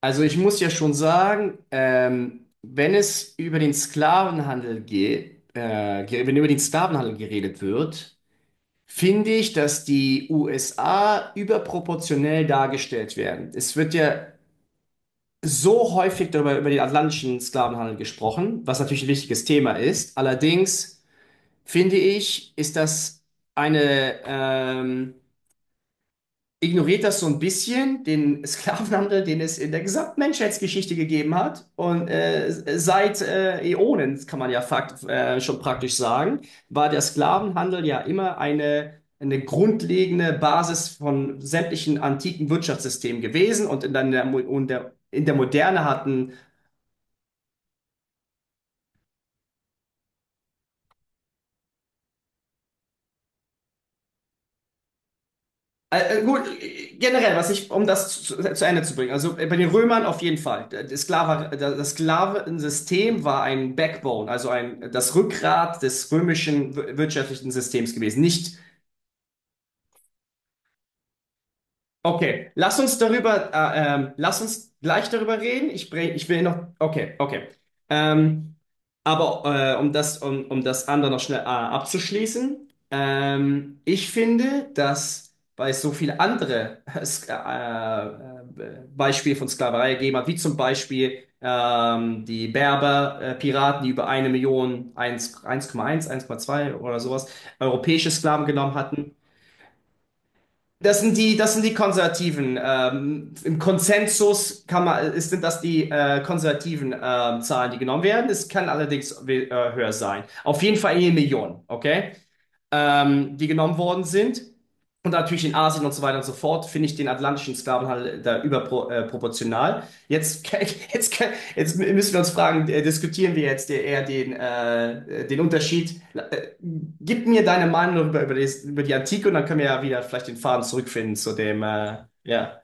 Also ich muss ja schon sagen, wenn es über den Sklavenhandel geht, wenn über den Sklavenhandel geredet wird, finde ich, dass die USA überproportionell dargestellt werden. Es wird ja so häufig darüber über den atlantischen Sklavenhandel gesprochen, was natürlich ein wichtiges Thema ist. Allerdings finde ich, ist das eine ignoriert das so ein bisschen, den Sklavenhandel, den es in der gesamten Menschheitsgeschichte gegeben hat. Und seit Äonen, kann man ja fakt, schon praktisch sagen, war der Sklavenhandel ja immer eine grundlegende Basis von sämtlichen antiken Wirtschaftssystemen gewesen. Und in der Moderne hatten. Gut, generell, was ich, um das zu Ende zu bringen, also bei den Römern auf jeden Fall. Das Sklavensystem war ein Backbone, also das Rückgrat des römischen wirtschaftlichen Systems gewesen. Nicht. Okay, lass uns gleich darüber reden. Ich will noch, okay, okay. Ähm, aber um das, um das andere noch schnell abzuschließen, ich finde, dass weil es so viele andere Beispiele von Sklaverei gegeben hat, wie zum Beispiel die Berber, Piraten, die über 1 Million, 1 1,1 1,2 oder sowas, europäische Sklaven genommen hatten. Das sind die Konservativen. Im Konsensus sind das die konservativen Zahlen, die genommen werden. Es kann allerdings höher sein. Auf jeden Fall 1 Million, okay? Die genommen worden sind. Und natürlich in Asien und so weiter und so fort finde ich den atlantischen Sklavenhandel da überproportional. Jetzt, jetzt, jetzt müssen wir uns fragen, diskutieren wir jetzt eher den Unterschied. Gib mir deine Meinung über die Antike und dann können wir ja wieder vielleicht den Faden zurückfinden zu dem, ja.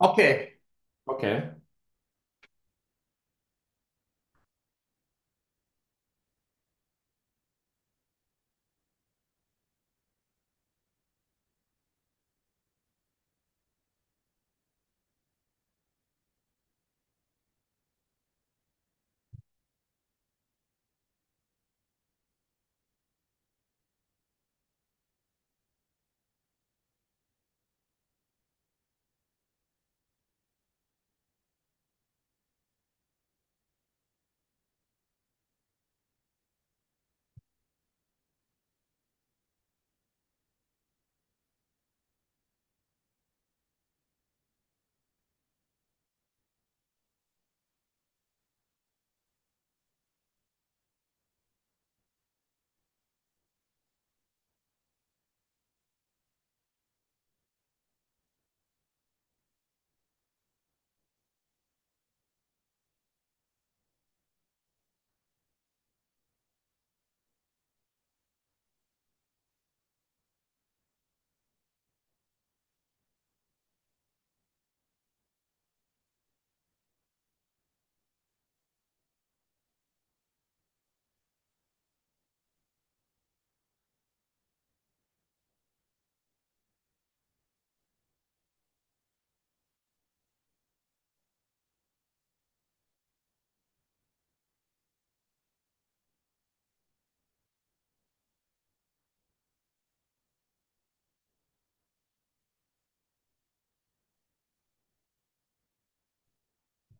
Okay. Okay.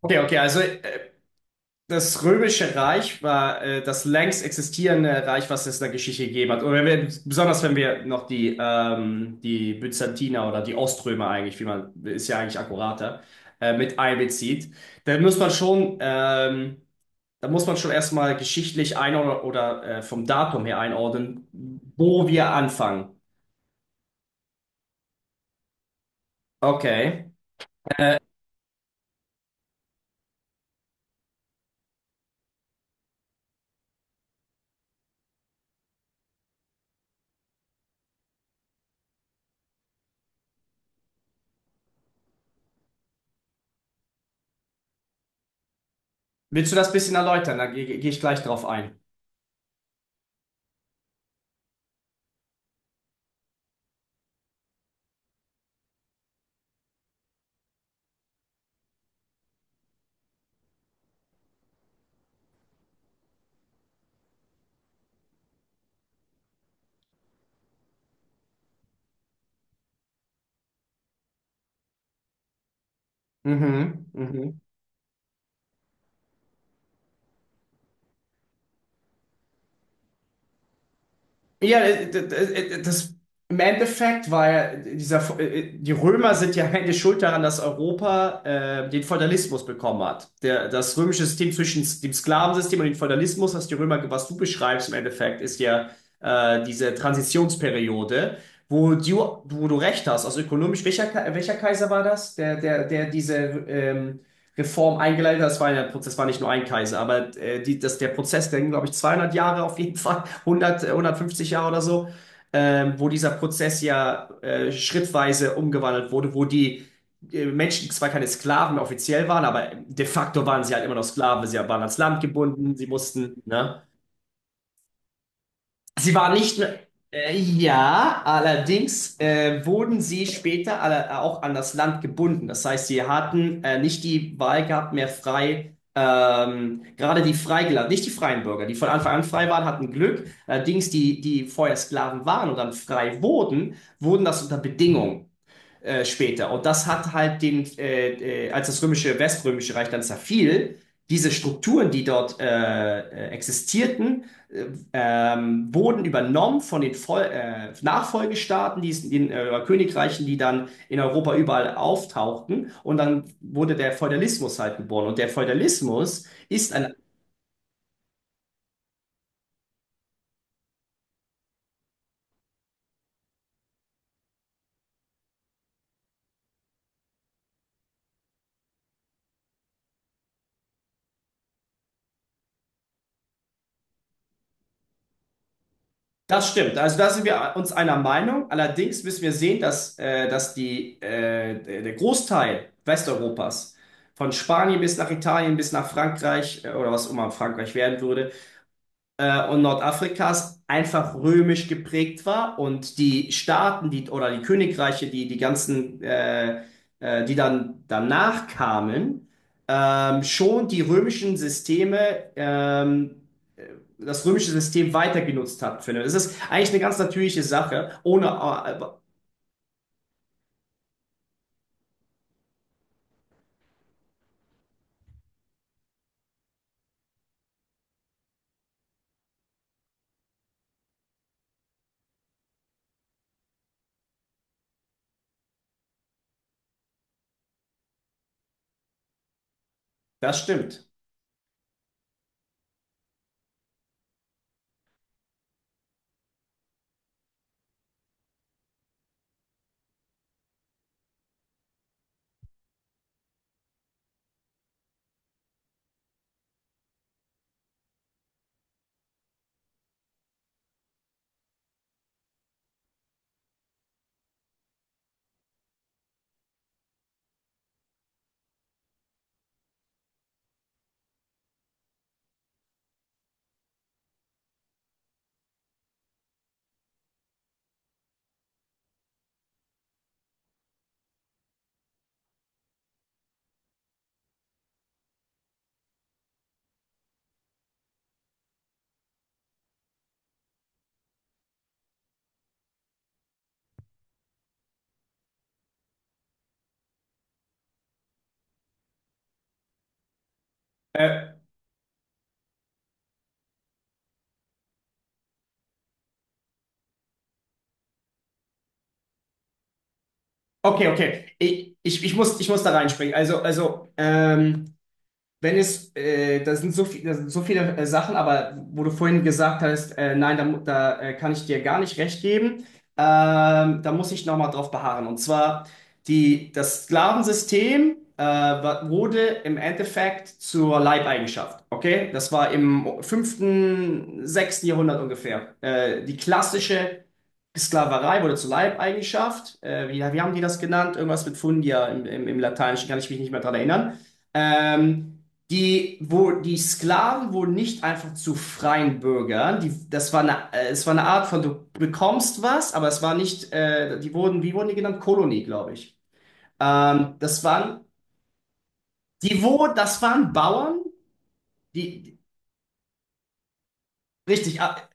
Okay, okay, also das Römische Reich war das längst existierende Reich, was es in der Geschichte gegeben hat. Und wenn wir, besonders wenn wir noch die Byzantiner oder die Oströmer eigentlich, wie man, ist ja eigentlich akkurater, mit einbezieht, dann muss man schon, da muss man schon erstmal geschichtlich einordnen oder vom Datum her einordnen, wo wir anfangen. Okay. Äh, willst du das bisschen erläutern? Da geh ich gleich drauf ein. Mhm, mhm. Ja, das im Endeffekt war ja die Römer sind ja eigentlich schuld daran, dass Europa den Feudalismus bekommen hat. Das römische System zwischen dem Sklavensystem und dem Feudalismus, was du beschreibst im Endeffekt, ist ja diese Transitionsperiode, wo du, wo du recht hast. Also ökonomisch, welcher Kaiser war das? Der diese ähm, Reform eingeleitet hat. Das war ja der Prozess, war nicht nur ein Kaiser, aber der Prozess, der ging, glaube ich, 200 Jahre auf jeden Fall, 100, 150 Jahre oder so, wo dieser Prozess ja schrittweise umgewandelt wurde, wo die Menschen zwar keine Sklaven offiziell waren, aber de facto waren sie halt immer noch Sklaven. Sie waren ans Land gebunden, sie mussten, ne? Sie waren nicht, nur, ja, allerdings wurden sie später alle, auch an das Land gebunden. Das heißt, sie hatten nicht die Wahl gehabt, mehr frei, gerade die Freigelassen, nicht die freien Bürger, die von Anfang an frei waren, hatten Glück. Allerdings die, die vorher Sklaven waren und dann frei wurden, wurden das unter Bedingungen später. Und das hat halt als das römische, weströmische Reich dann zerfiel, diese Strukturen, die dort existierten, wurden übernommen von den Vol Nachfolgestaaten, den Königreichen, die dann in Europa überall auftauchten. Und dann wurde der Feudalismus halt geboren. Und der Feudalismus ist ein. Das stimmt. Also da sind wir uns einer Meinung. Allerdings müssen wir sehen, dass, dass die, der Großteil Westeuropas, von Spanien bis nach Italien, bis nach Frankreich, oder was immer Frankreich werden würde, und Nordafrikas einfach römisch geprägt war und die Staaten, die oder die Königreiche, die die ganzen, die dann danach kamen, schon die römischen Systeme, das römische System weiter genutzt hat, finde. Das ist eigentlich eine ganz natürliche Sache, ohne, aber das stimmt. Äh, okay, okay. Ich muss da reinspringen. Also, wenn es, da sind so viele Sachen, aber wo du vorhin gesagt hast, nein, da kann ich dir gar nicht recht geben, da muss ich nochmal drauf beharren. Und zwar, das Sklavensystem wurde im Endeffekt zur Leibeigenschaft. Okay? Das war im fünften, sechsten Jahrhundert ungefähr. Die klassische Sklaverei wurde zur Leibeigenschaft. Wie haben die das genannt? Irgendwas mit Fundia im, im Lateinischen, kann ich mich nicht mehr dran erinnern. Ähm, die Sklaven wurden nicht einfach zu freien Bürgern. Das war es war eine Art von, du bekommst was, aber es war nicht, wie wurden die genannt? Kolonie, glaube ich. Ähm, das waren, das waren Bauern, die, die- richtig, ah,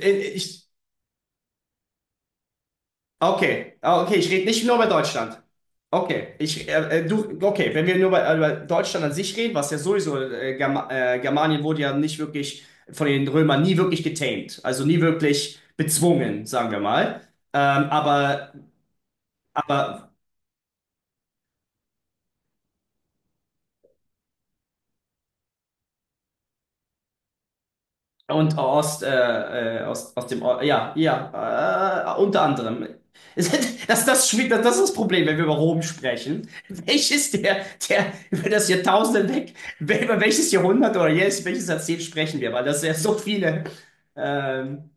äh, ich, okay, ah, okay, ich rede nicht nur über Deutschland. Okay, okay, wenn wir nur über Deutschland an sich reden, was ja sowieso, Germanien wurde ja nicht wirklich von den Römern nie wirklich getamed, also nie wirklich bezwungen, sagen wir mal. Ähm, aber, aber Und aus, dem, ja, ja, unter anderem. Es- Das, das, das ist das Problem, wenn wir über Rom sprechen. Welches der über das Jahrtausend hinweg, über welches Jahrhundert oder jetzt, welches Jahrzehnt sprechen wir? Weil das ja so viele ähm,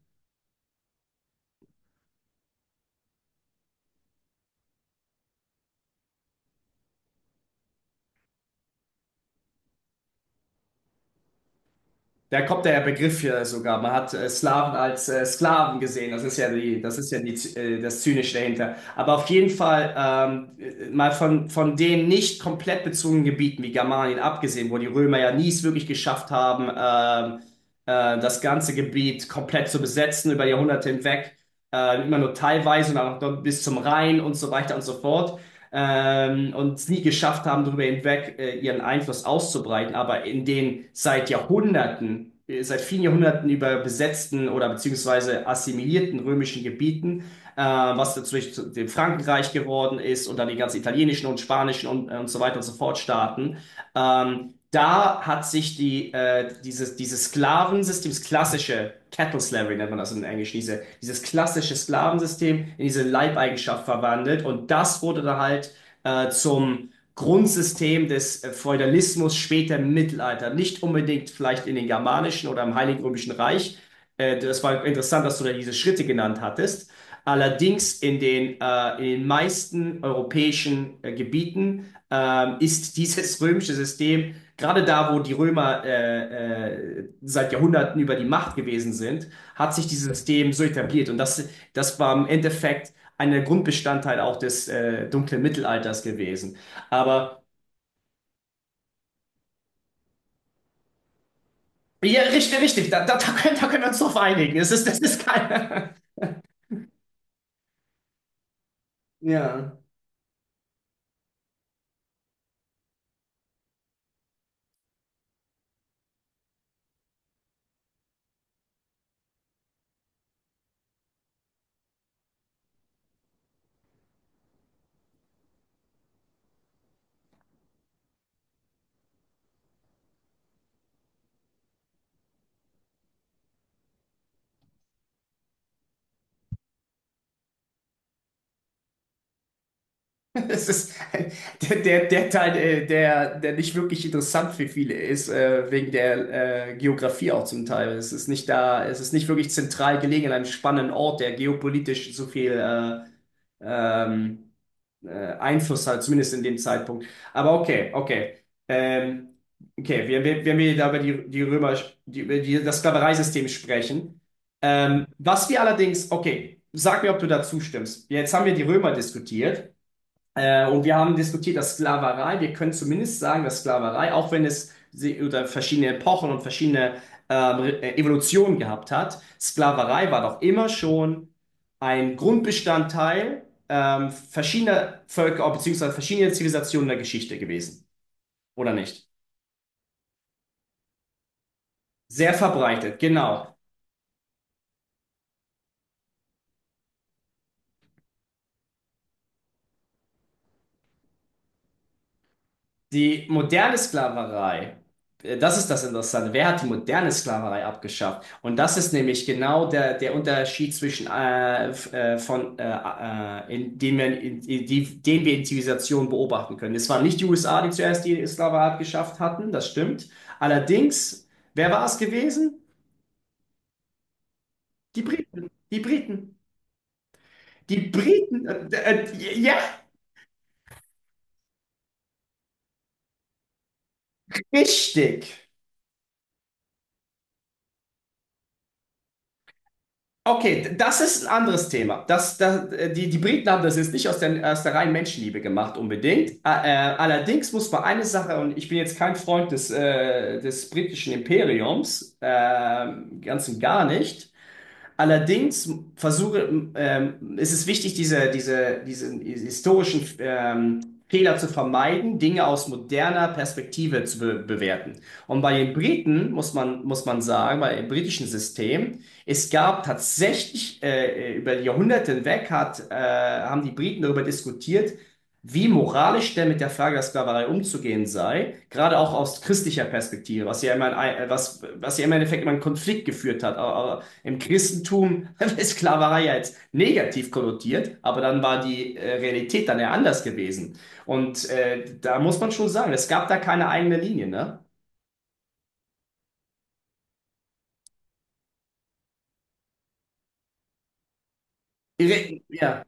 da kommt der Begriff ja sogar. Man hat Slaven als Sklaven gesehen. Das ist ja die, das ist ja die, das Zynische dahinter. Aber auf jeden Fall mal von den nicht komplett bezogenen Gebieten wie Germanien abgesehen, wo die Römer ja nie es wirklich geschafft haben, das ganze Gebiet komplett zu besetzen über Jahrhunderte hinweg, immer nur teilweise und dann noch bis zum Rhein und so weiter und so fort und es nie geschafft haben, darüber hinweg ihren Einfluss auszubreiten, aber in den seit vielen Jahrhunderten über besetzten oder beziehungsweise assimilierten römischen Gebieten, was natürlich zu dem Frankenreich geworden ist und dann die ganzen italienischen und spanischen und so weiter und so fort Staaten, ähm, da hat sich dieses Sklavensystem, das klassische Cattle Slavery nennt man das in Englisch, dieses klassische Sklavensystem in diese Leibeigenschaft verwandelt und das wurde dann halt zum Grundsystem des Feudalismus später im Mittelalter. Nicht unbedingt vielleicht in den germanischen oder im Heiligen Römischen Reich. Das war interessant, dass du da diese Schritte genannt hattest. Allerdings in den meisten europäischen Gebieten ist dieses römische System gerade da, wo die Römer seit Jahrhunderten über die Macht gewesen sind, hat sich dieses System so etabliert. Und das war im Endeffekt ein Grundbestandteil auch des dunklen Mittelalters gewesen. Aber ja, richtig, richtig, da können wir uns drauf einigen. Das ist kein. Ja. Es ist der Teil, der nicht wirklich interessant für viele ist, wegen der Geografie auch zum Teil. Es ist nicht da, es ist nicht wirklich zentral gelegen an einem spannenden Ort, der geopolitisch so viel ähm, äh, Einfluss hat, zumindest in dem Zeitpunkt. Aber okay, okay. Ähm, okay, wenn wir da über die, die Römer, die, über die, das Sklavereisystem sprechen, okay, sag mir, ob du da zustimmst. Jetzt haben wir die Römer diskutiert. Und wir haben diskutiert, dass Sklaverei, wir können zumindest sagen, dass Sklaverei, auch wenn es oder verschiedene Epochen und verschiedene Evolutionen gehabt hat, Sklaverei war doch immer schon ein Grundbestandteil verschiedener Völker beziehungsweise verschiedener Zivilisationen der Geschichte gewesen, oder nicht? Sehr verbreitet, genau. Die moderne Sklaverei. Das ist das Interessante. Wer hat die moderne Sklaverei abgeschafft? Und das ist nämlich genau der Unterschied zwischen f- von in, den, wir in, die, den wir in Zivilisation beobachten können. Es waren nicht die USA, die zuerst die Sklaverei abgeschafft hatten, das stimmt. Allerdings, wer war es gewesen? Die Briten. Die Briten. Die Briten. Ja, richtig. Okay, das ist ein anderes Thema. Die Briten haben das jetzt nicht aus der, reinen Menschenliebe gemacht, unbedingt. Allerdings muss man eine Sache, und ich bin jetzt kein Freund des britischen Imperiums, ganz und gar nicht. Allerdings ist es wichtig, diesen historischen Fehler zu vermeiden, Dinge aus moderner Perspektive zu be bewerten. Und bei den Briten muss man sagen, bei dem britischen System, es gab tatsächlich über die Jahrhunderte hinweg haben die Briten darüber diskutiert, wie moralisch denn mit der Frage der Sklaverei umzugehen sei, gerade auch aus christlicher Perspektive, was ja immer, ein, was ja immer im Endeffekt immer einen Konflikt geführt hat, im Christentum ist Sklaverei ja jetzt negativ konnotiert, aber dann war die Realität dann ja anders gewesen. Und da muss man schon sagen, es gab da keine eigene Linie, ne? Ja.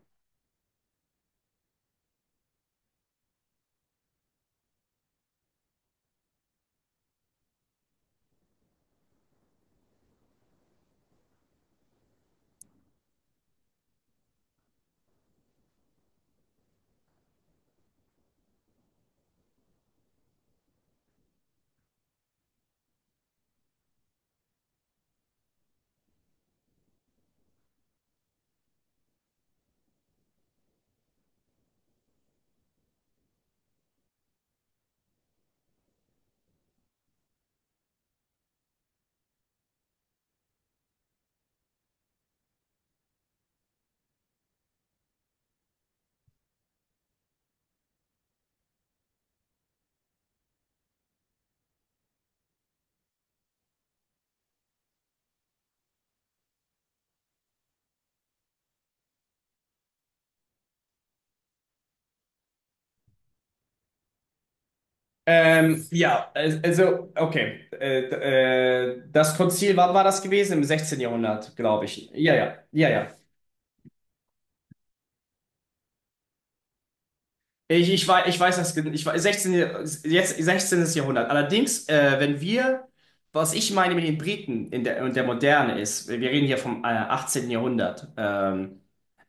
Ja, also, okay. Das Konzil, wann war das gewesen? Im 16. Jahrhundert, glaube ich. Ja, ja, ja, ja. Ich weiß das, 16, jetzt 16. Jahrhundert. Allerdings, wenn wir, was ich meine mit den Briten in der, und der Moderne ist, wir reden hier vom 18. Jahrhundert, ähm,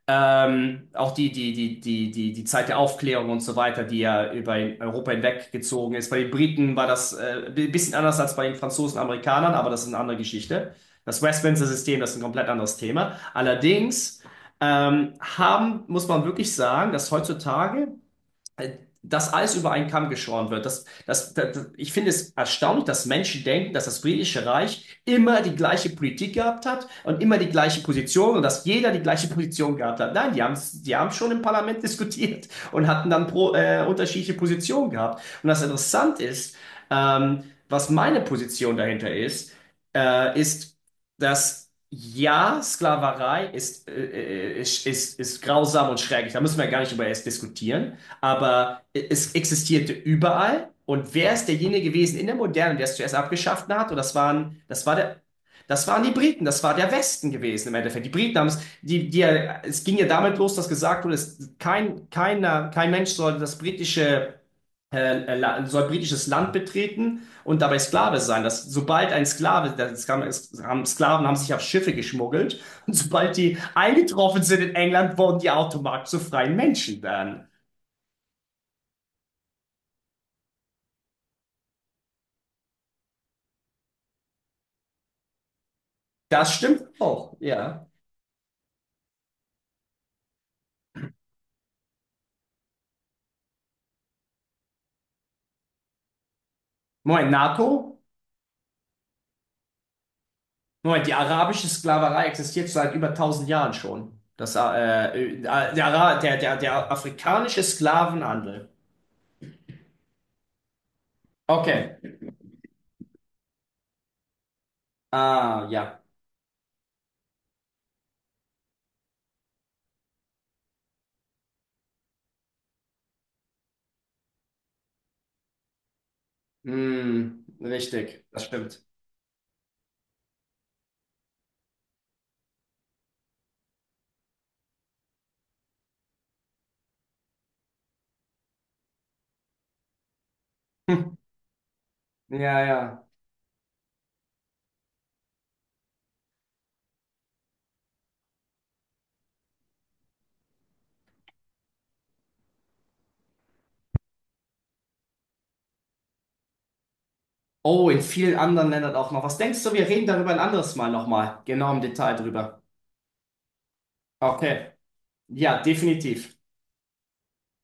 ähm, auch die Zeit der Aufklärung und so weiter, die ja über Europa hinweggezogen ist. Bei den Briten war das ein bisschen anders als bei den Franzosen und Amerikanern, aber das ist eine andere Geschichte. Das Westminster-System, das ist ein komplett anderes Thema. Allerdings muss man wirklich sagen, äh, dass alles über einen Kamm geschoren wird. Ich finde es erstaunlich, dass Menschen denken, dass das britische Reich immer die gleiche Politik gehabt hat und immer die gleiche Position und dass jeder die gleiche Position gehabt hat. Nein, die haben schon im Parlament diskutiert und hatten dann unterschiedliche Positionen gehabt. Und das Interessante ist, was meine Position dahinter ist, äh, ist, dass ja, Sklaverei ist grausam und schrecklich. Da müssen wir gar nicht über es diskutieren. Aber es existierte überall. Und wer ist derjenige gewesen in der Moderne, der es zuerst abgeschafft hat? Und das waren die Briten, das war der Westen gewesen im Endeffekt. Die Briten haben es, die, die, es ging ja damit los, dass gesagt wurde, es, kein, keiner, kein Mensch sollte das britische äh, soll britisches Land betreten und dabei Sklave sein. Das, sobald ein Sklave, das kam, es haben Sklaven haben sich auf Schiffe geschmuggelt und sobald die eingetroffen sind in England, wurden die automatisch zu freien Menschen dann. Das stimmt auch, ja. Moment, NATO? Moment, die arabische Sklaverei existiert seit über 1.000 Jahren schon. Das, der, Ara- der, der, der afrikanische Sklavenhandel. Okay. Ah, ja. Hm, richtig, das stimmt. Hm. Ja, ja. Oh, in vielen anderen Ländern auch noch. Was denkst du, wir reden darüber ein anderes Mal nochmal, genau im Detail drüber. Okay. Ja, definitiv.